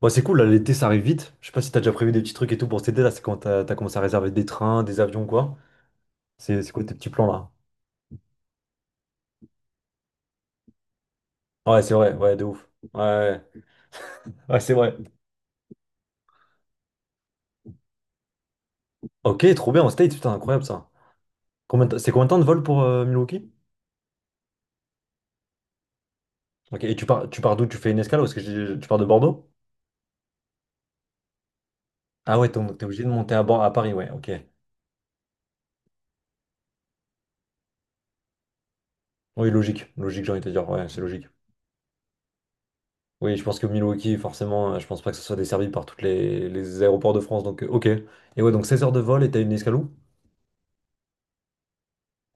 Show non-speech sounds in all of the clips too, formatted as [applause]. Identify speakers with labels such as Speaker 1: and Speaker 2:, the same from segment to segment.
Speaker 1: Bon, c'est cool, là, l'été ça arrive vite. Je sais pas si t'as déjà prévu des petits trucs et tout pour cet été, là, c'est quand t'as commencé à réserver des trains, des avions, quoi. C'est quoi tes petits plans là? Ouais, c'est vrai, ouais, de ouf. Ouais, ouais, ouais, ouais, c'est vrai. Ok, trop bien, en States, putain, incroyable ça. C'est combien de temps de vol pour Milwaukee? Ok, et tu pars d'où? Tu fais une escale tu pars de Bordeaux? Ah ouais, t'es obligé de monter à, à Paris, ouais, ok. Oui, logique, logique, j'ai envie de te dire, ouais, c'est logique. Oui, je pense que Milwaukee, forcément, je pense pas que ce soit desservi par tous les aéroports de France, donc ok. Et ouais, donc 16 heures de vol et t'as une escale où?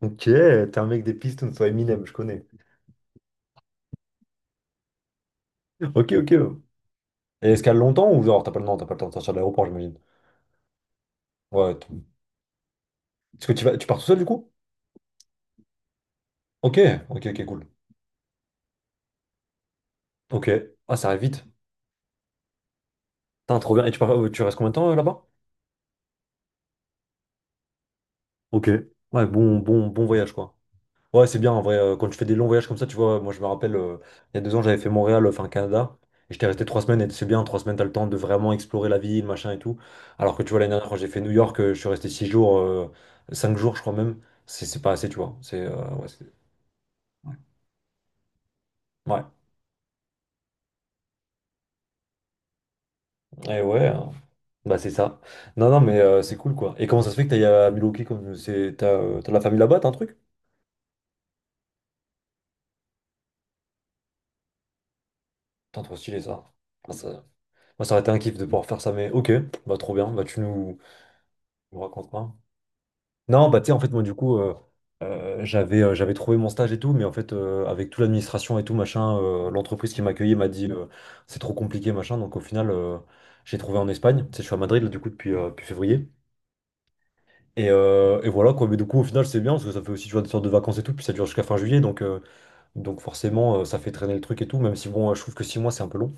Speaker 1: Ok, t'es un mec des Pistons, soit Eminem, je connais. Ok, ok. Et escale longtemps ou genre t'as pas le temps, t'as pas le temps de sortir de l'aéroport, j'imagine. Ouais. Est-ce que tu vas, tu pars tout seul du coup? Ok, ok, ok, cool. Ok. Ah, ça arrive vite. Putain, trop bien. Et tu pars, tu restes combien de temps là-bas? Ok. Ouais, bon, bon, bon voyage quoi. Ouais, c'est bien en vrai. Quand tu fais des longs voyages comme ça, tu vois, moi je me rappelle, il y a 2 ans, j'avais fait Montréal, enfin Canada, et j'étais resté 3 semaines, et c'est bien, 3 semaines, t'as le temps de vraiment explorer la ville, machin et tout. Alors que tu vois, l'année dernière, quand j'ai fait New York, je suis resté 6 jours, 5 jours, je crois même. C'est pas assez, tu vois. Ouais. Et ouais, bah c'est ça. Non, non, mais c'est cool quoi. Et comment ça se fait que t'ailles à Milwaukee comme c'est t'as t'as de la famille là-bas, t'as un truc? Putain, trop stylé ça. Ah, ça- Moi, ça aurait été un kiff de pouvoir faire ça, mais ok, bah trop bien, bah tu nous, nous raconteras. Non, bah tu sais, en fait, moi, du coup, j'avais trouvé mon stage et tout, mais en fait, avec toute l'administration et tout, machin, l'entreprise qui m'accueillait m'a dit c'est trop compliqué, machin. Donc, au final, j'ai trouvé en Espagne. Tu sais, je suis à Madrid, là, du coup, depuis, depuis février. Et voilà, quoi. Mais du coup, au final, c'est bien parce que ça fait aussi, tu vois, des sortes de vacances et tout, puis ça dure jusqu'à fin juillet. Donc, donc forcément, ça fait traîner le truc et tout, même si bon, je trouve que 6 mois, c'est un peu long.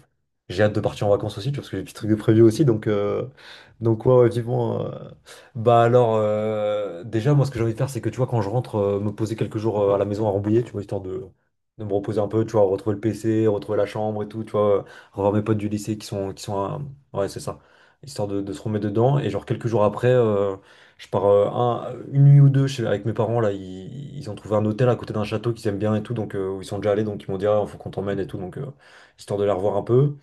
Speaker 1: J'ai hâte de partir en vacances aussi, tu vois, parce que j'ai des petits trucs de prévu aussi. Donc, donc ouais, ouais, vivement. Bah alors, déjà, moi, ce que j'ai envie de faire, c'est que, tu vois, quand je rentre, me poser quelques jours à la maison à Rambouillet, tu vois, histoire de me reposer un peu, tu vois, retrouver le PC, retrouver la chambre et tout, tu vois, revoir mes potes du lycée qui sont à- Ouais, c'est ça. Histoire de se remettre dedans. Et genre, quelques jours après, je pars une nuit ou deux chez, avec mes parents là, ils ont trouvé un hôtel à côté d'un château qu'ils aiment bien et tout, donc où ils sont déjà allés, donc ils m'ont dit ah, faut qu'on t'emmène et tout, donc histoire de les revoir un peu.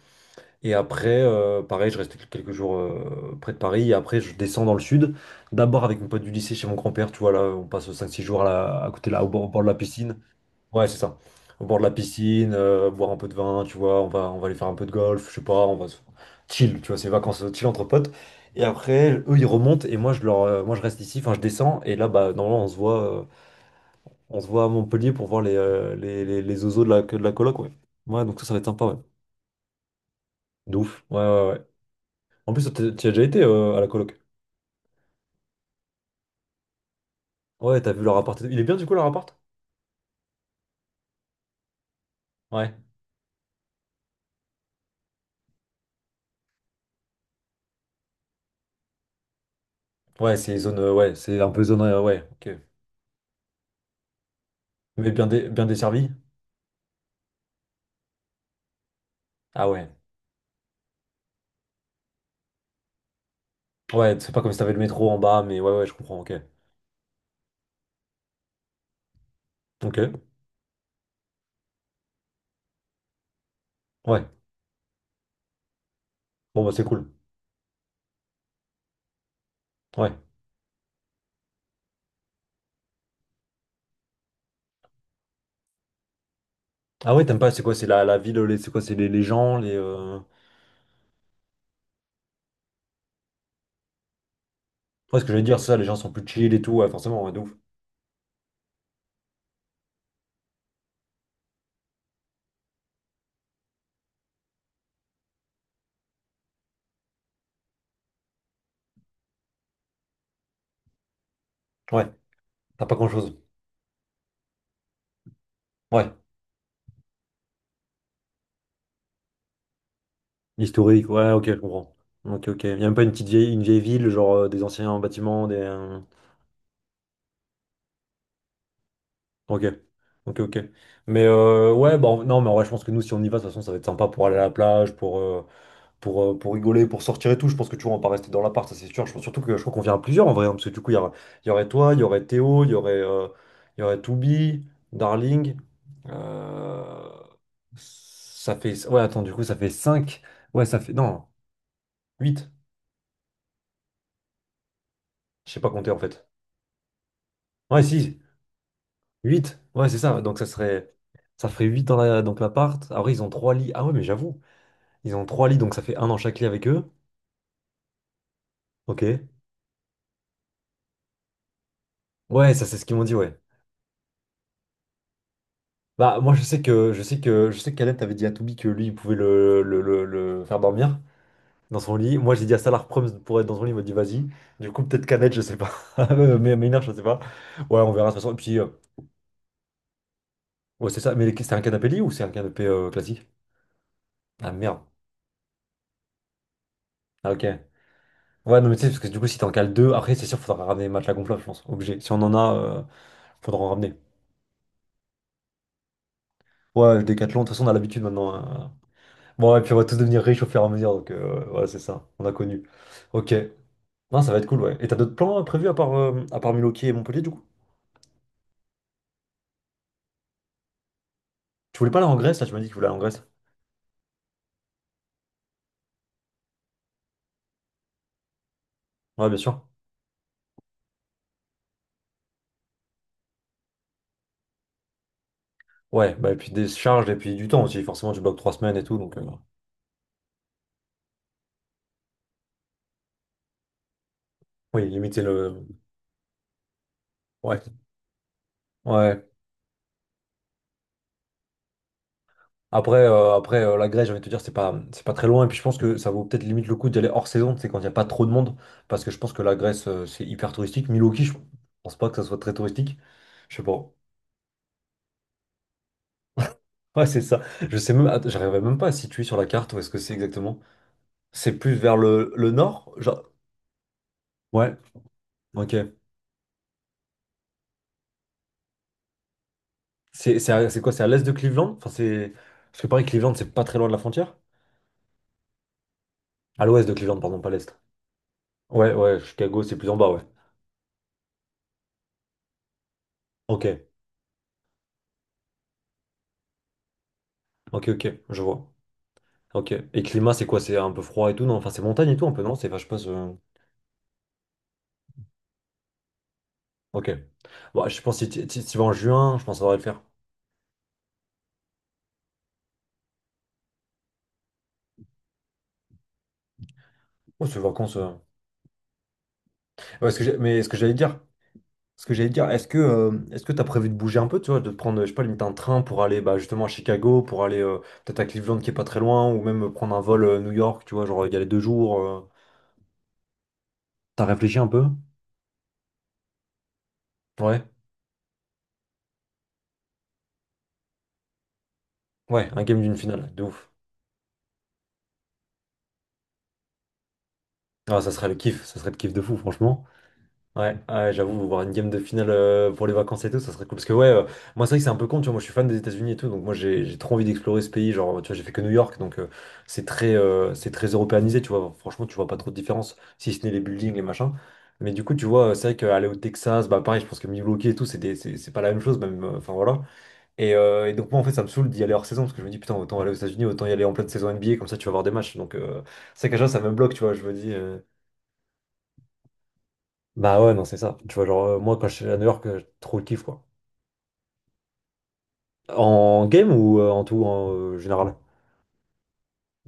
Speaker 1: Et après, pareil, je reste quelques jours près de Paris, et après je descends dans le sud, d'abord avec mon pote du lycée chez mon grand-père, tu vois là, on passe cinq six jours à, à côté là, au bord de la piscine. Ouais, c'est ça. Au bord de la piscine, boire un peu de vin, tu vois, on va aller faire un peu de golf, je sais pas, on va se chill, tu vois, c'est vacances chill entre potes. Et après, eux, ils remontent et moi, moi, je reste ici, enfin, je descends et là, bah, normalement, on se voit à Montpellier pour voir les, les zozos de la coloc, ouais. Ouais, donc ça va être sympa, ouais. De ouf, ouais, ouais, ouais. En plus, toi, t'y as déjà été à la coloc. Ouais, t'as vu leur appart et tout. Il est bien, du coup, leur appart? Ouais. Ouais, c'est zone, ouais, c'est un peu zone, ouais, ok. Mais bien, bien desservi? Ah ouais. Ouais, c'est pas comme si t'avais le métro en bas, mais ouais, ouais, je comprends, ok. Ok, ouais. Bon, bah, c'est cool. Ouais. Ah ouais, t'aimes pas, c'est quoi, la ville, les- c'est quoi, c'est les gens, les, ouais, ce que je veux dire, c'est ça, les gens sont plus chill et tout, ouais, forcément, ouais, de ouf. Ouais, t'as pas grand-chose. Ouais. Historique, ouais, ok, je comprends. Ok, ok. Y a même pas une petite vieille, une vieille ville, genre des anciens bâtiments, des. Ok, ok, ok. Mais ouais, bah, non, mais en vrai, je pense que nous, si on y va, de toute façon, ça va être sympa pour aller à la plage, pour rigoler, pour sortir et tout. Je pense que tu vois, on va pas rester dans l'appart, ça c'est sûr. Je pense surtout que je crois qu'on vient à plusieurs en vrai, hein, parce que du coup, il y aurait toi, il y aurait Théo, il y aurait Toubi, Darling. Euh, ça fait, ouais, attends, du coup, ça fait cinq. Ouais, ça fait. Non, huit. Je sais pas compter en fait. Ouais, si, huit. Ouais, c'est ça. Donc ça serait. Ça ferait 8 dans la, donc l'appart. Après, ils ont 3 lits. Ah ouais, mais j'avoue. Ils ont 3 lits, donc ça fait un dans chaque lit avec eux. Ok. Ouais, ça c'est ce qu'ils m'ont dit, ouais. Bah, moi, je sais qu'Alep t'avait dit à Toubi que lui, il pouvait le faire dormir dans son lit. Moi, j'ai dit à Salar Proms pour être dans son lit, il m'a dit vas-y. Du coup, peut-être Canet, je sais pas. [laughs] Mais Maynard, je sais pas. Ouais, on verra de toute façon. Et puis, ouais, c'est ça. Mais c'est un canapé lit ou c'est un canapé classique? Ah merde. Ah ok. Ouais, non, mais tu sais, parce que du coup, si t'en cales deux, après, c'est sûr, faudra ramener les matelas gonflables, je pense. Obligé. Si on en a, faudra en ramener. Ouais, le Décathlon, de toute façon, on a l'habitude maintenant, hein. Bon, et puis on va tous devenir riches au fur et à mesure, donc voilà, c'est ça. On a connu. Ok. Non, ça va être cool, ouais. Et t'as d'autres plans prévus à part Milwaukee et Montpellier, du coup? Tu voulais pas aller en Grèce, là, tu m'as dit que tu voulais aller en Grèce. Ouais, bien sûr. Ouais, bah, et puis des charges, et puis du temps aussi. Forcément, tu bloques 3 semaines et tout, donc oui, limiter le. Ouais. Ouais. Après, la Grèce, j'ai envie de te dire, c'est pas très loin. Et puis je pense que ça vaut peut-être limite le coup d'y aller hors saison, c'est quand il n'y a pas trop de monde. Parce que je pense que la Grèce, c'est hyper touristique. Milwaukee, je pense pas que ça soit très touristique. Je sais pas. Ouais, c'est ça. Je sais même, j'arrivais même pas à situer sur la carte où est-ce que c'est exactement. C'est plus vers le nord, genre. Ouais, ok. C'est quoi? C'est à l'est de Cleveland? Enfin, c'est. Parce que pareil, Cleveland, c'est pas très loin de la frontière. À l'ouest de Cleveland, pardon, pas l'est. Ouais, ouais, Chicago, c'est plus en bas, ouais. Ok, ok, ok, je vois. Ok. Et climat, c'est quoi? C'est un peu froid et tout, non? Enfin, c'est montagne et tout, un peu, non? C'est vache pas ce. Ok. Bon, je pense que si tu vas en juin, je pense que ça devrait le faire. Oh, c'est vacances. Mais ce que j'allais dire, ce que j'allais te dire, est-ce que tu as prévu de bouger un peu, tu vois, de prendre, je sais pas, limite un train pour aller bah, justement à Chicago, pour aller peut-être à Cleveland qui est pas très loin, ou même prendre un vol New York, tu vois, genre y aller 2 jours. T'as réfléchi un peu? Ouais, ouais, un game d'une finale, de ouf. Ah, ça serait le kiff, ça serait le kiff de fou, franchement. Ouais, ouais, j'avoue, voir une game de finale pour les vacances et tout, ça serait cool. Parce que ouais, moi c'est vrai que c'est un peu con, tu vois, moi je suis fan des États-Unis et tout, donc moi j'ai trop envie d'explorer ce pays. Genre, tu vois, j'ai fait que New York, donc c'est très européanisé, tu vois. Franchement, tu vois pas trop de différence, si ce n'est les buildings, les machins. Mais du coup, tu vois, c'est vrai qu'aller au Texas, bah pareil, je pense que Milwaukee et tout, c'est pas la même chose, même, enfin voilà. Et donc moi en fait, ça me saoule d'y aller hors saison, parce que je me dis, putain, autant aller aux États-Unis, autant y aller en pleine saison NBA, comme ça tu vas voir des matchs. Donc c'est vrai que déjà, ça me bloque, tu vois, je me dis. Bah ouais, non, c'est ça. Tu vois, genre, moi, quand je suis à New York, trop le kiff, quoi. En game ou en tout, en général?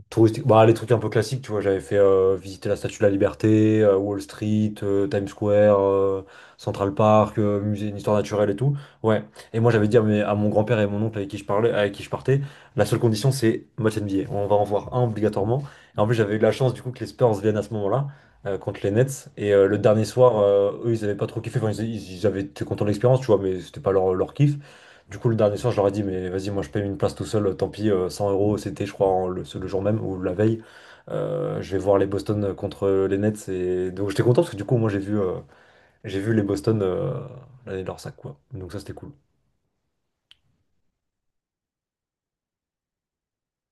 Speaker 1: Touristique. Bah, les trucs un peu classiques, tu vois, j'avais fait visiter la Statue de la Liberté, Wall Street, Times Square, Central Park, musée d'histoire naturelle et tout. Ouais. Et moi, j'avais dit à, à mon grand-père et mon oncle avec qui je parlais, avec qui je partais, la seule condition, c'est match NBA. On va en voir un obligatoirement. Et en plus, j'avais eu la chance, du coup, que les Spurs viennent à ce moment-là, contre les Nets. Et le dernier soir, eux, ils avaient pas trop kiffé. Enfin, ils avaient été contents de l'expérience, tu vois, mais c'était pas leur, leur kiff. Du coup, le dernier soir, je leur ai dit, mais vas-y, moi je paye une place tout seul, tant pis, 100 euros, c'était, je crois, en le jour même ou la veille. Je vais voir les Boston contre les Nets. Et donc, j'étais content parce que du coup, j'ai vu les Boston l'année de leur sac, quoi. Donc, ça, c'était cool.